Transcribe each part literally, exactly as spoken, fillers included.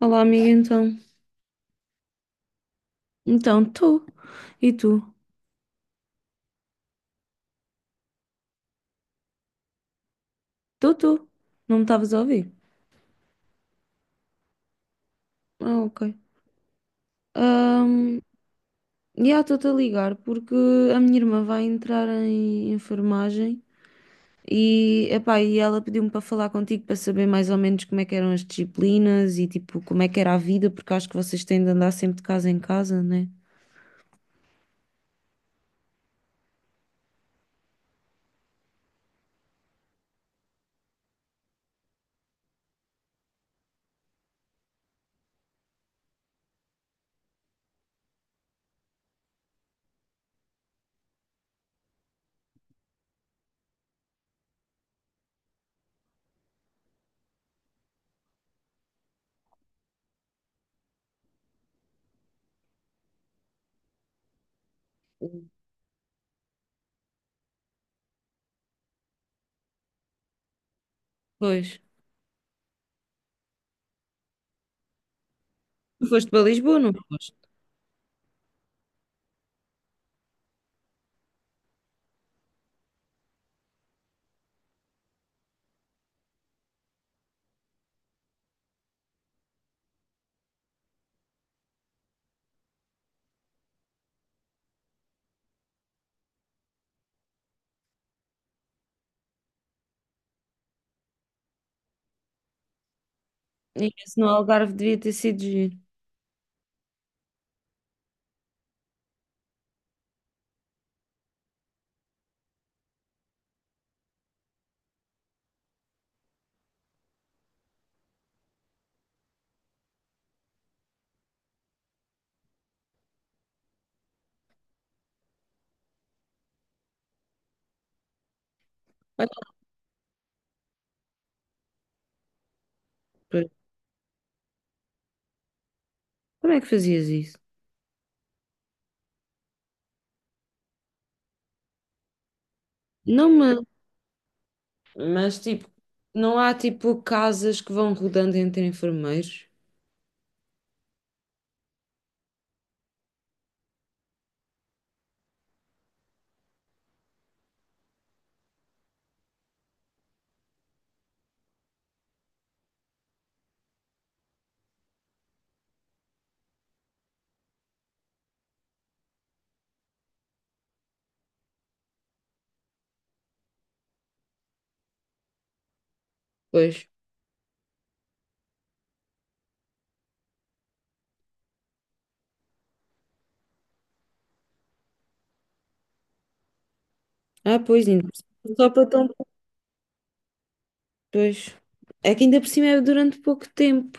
Olá, amiga, então. Então, tu. E tu? Tu, tu. Não me estavas a ouvir? Ah, ok. Ahm, Já estou-te a ligar porque a minha irmã vai entrar em enfermagem e, epá, e ela pediu-me para falar contigo para saber mais ou menos como é que eram as disciplinas e tipo como é que era a vida, porque acho que vocês têm de andar sempre de casa em casa, né? Pois. Tu foste para Lisboa, não foste? E esse no Algarve devia ter sido giro. Olha, pois. Como é que fazias isso? Não me. Mas tipo, não há tipo casas que vão rodando entre enfermeiros? Pois. Ah, pois, ainda por cima só para tão. Pois. É que ainda por cima é durante pouco tempo.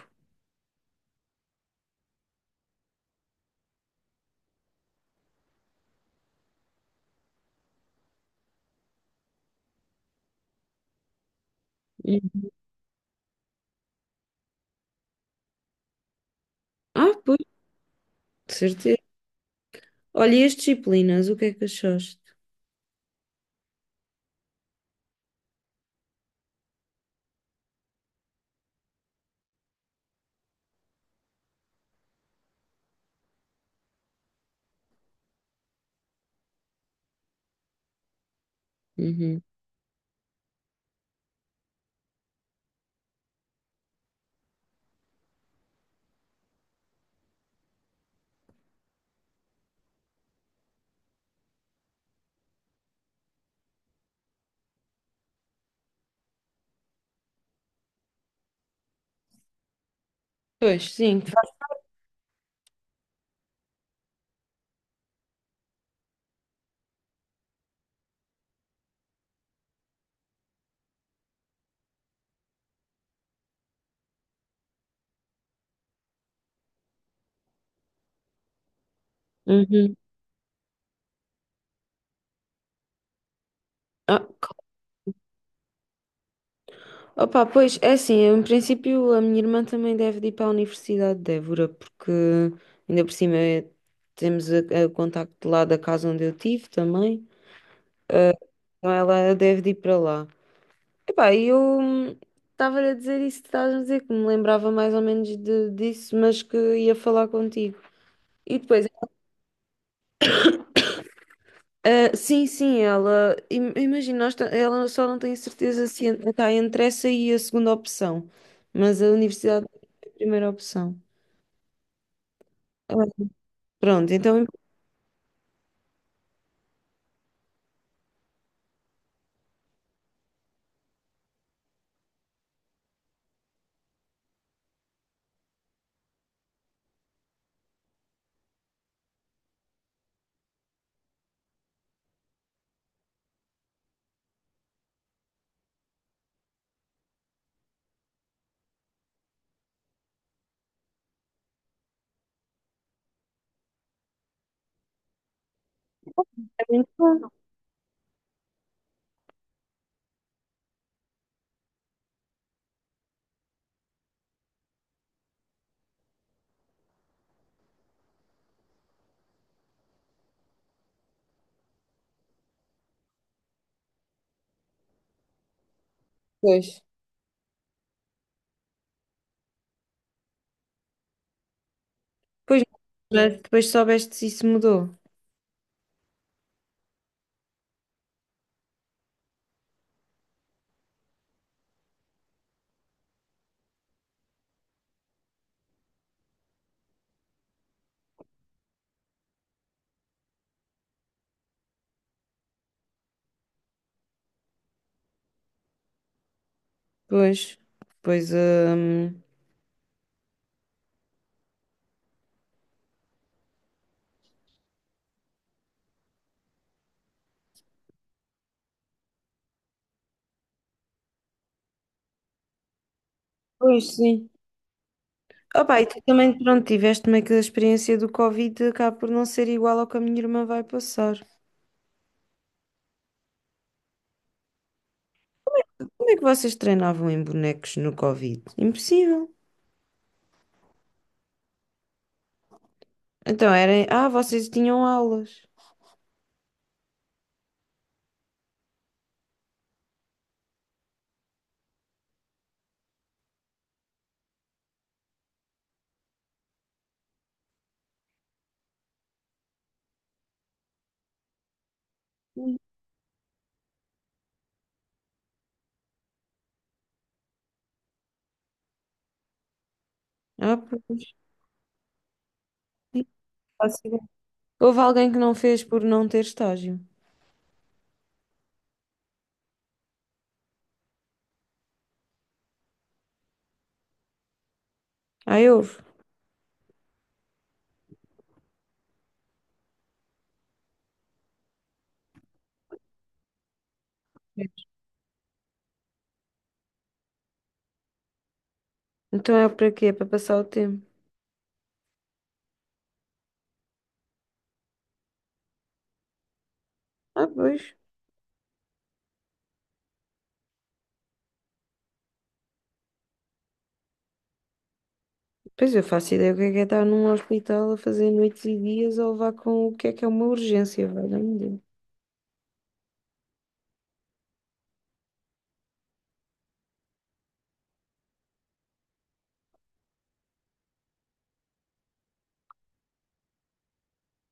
Hum. Ah, pois, de certeza. Olha, e as disciplinas, o que é que achaste? Uhum. Pois, sim. Uhum. Ah, opa, pois, é assim, eu, em princípio a minha irmã também deve de ir para a Universidade de Évora, porque ainda por cima é- temos a- a- o contacto lá da casa onde eu tive também, então ela deve de ir para lá. Epá, eu estava a dizer isso que estás a dizer, que me lembrava mais ou menos de- disso, mas que ia falar contigo. E depois, ah, sim, sim, ela, im- imagina, nós ta- ela só não tem certeza se en- está entre essa e a segunda opção, mas a universidade é a primeira opção. Ah, pronto, então é muito bom. Pois, pois, mas depois soubeste se isso mudou. Pois, pois, hum, pois sim. Opa, e tu também, pronto, tiveste meio que a experiência do Covid, acaba por não ser igual ao que a minha irmã vai passar. Como é que vocês treinavam em bonecos no Covid? Impossível. Então, era, ah, vocês tinham aulas. Ah, pois. Sim, faço ideia. Houve alguém que não fez por não ter estágio. Ah, houve. Então é para quê? É para passar o tempo. Ah, pois. Pois eu faço ideia o que é que é estar num hospital a fazer noites e dias a levar com o que é que é uma urgência, valha-me Deus.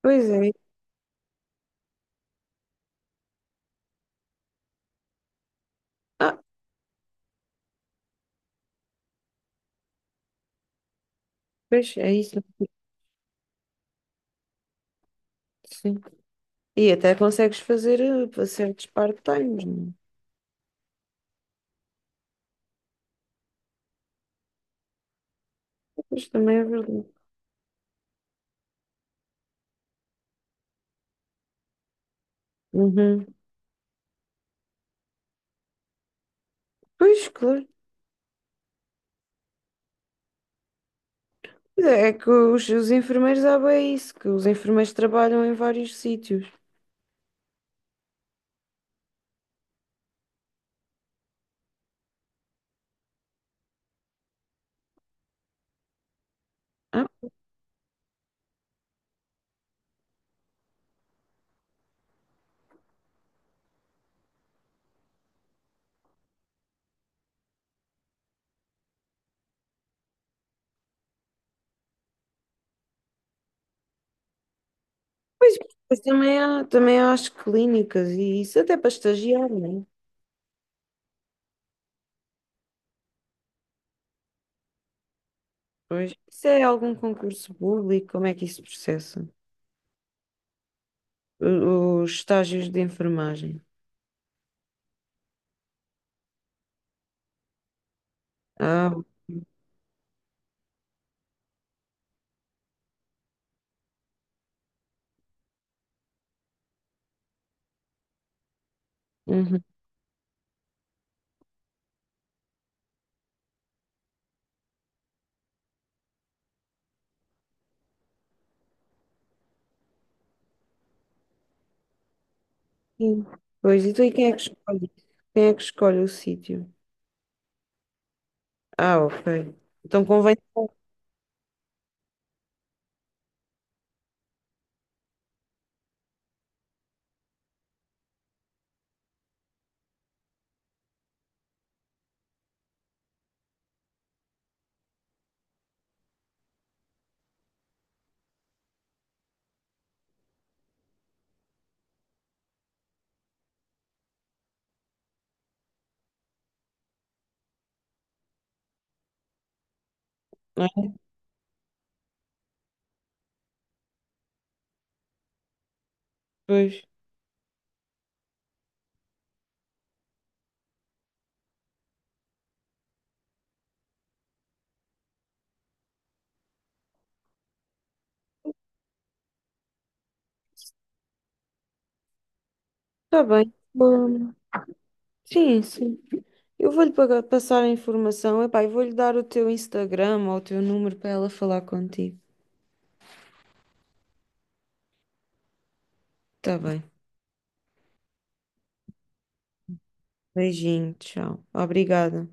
Pois é. Ah, pois é isso. Sim. E até consegues fazer eh, certos part-times, não é? Pois também é verdade. Uhum. Pois, claro. É é que os, os enfermeiros há bem isso, que os enfermeiros trabalham em vários sítios. Ah, pois, pois também há, também há as clínicas e isso até para estagiar, não é? Pois. Isso é algum concurso público? Como é que isso processa? O- Os estágios de enfermagem. Ah, uhum. Sim. Pois, então e quem é que escolhe? Quem é que escolhe o sítio? Ah, ok. Então convém. Pois. Está bem. Bom, sim, sim. Eu vou-lhe pagar- passar a informação. Epá, eu vou-lhe dar o teu Instagram ou o teu número para ela falar contigo. Está bem. Beijinho, tchau. Obrigada.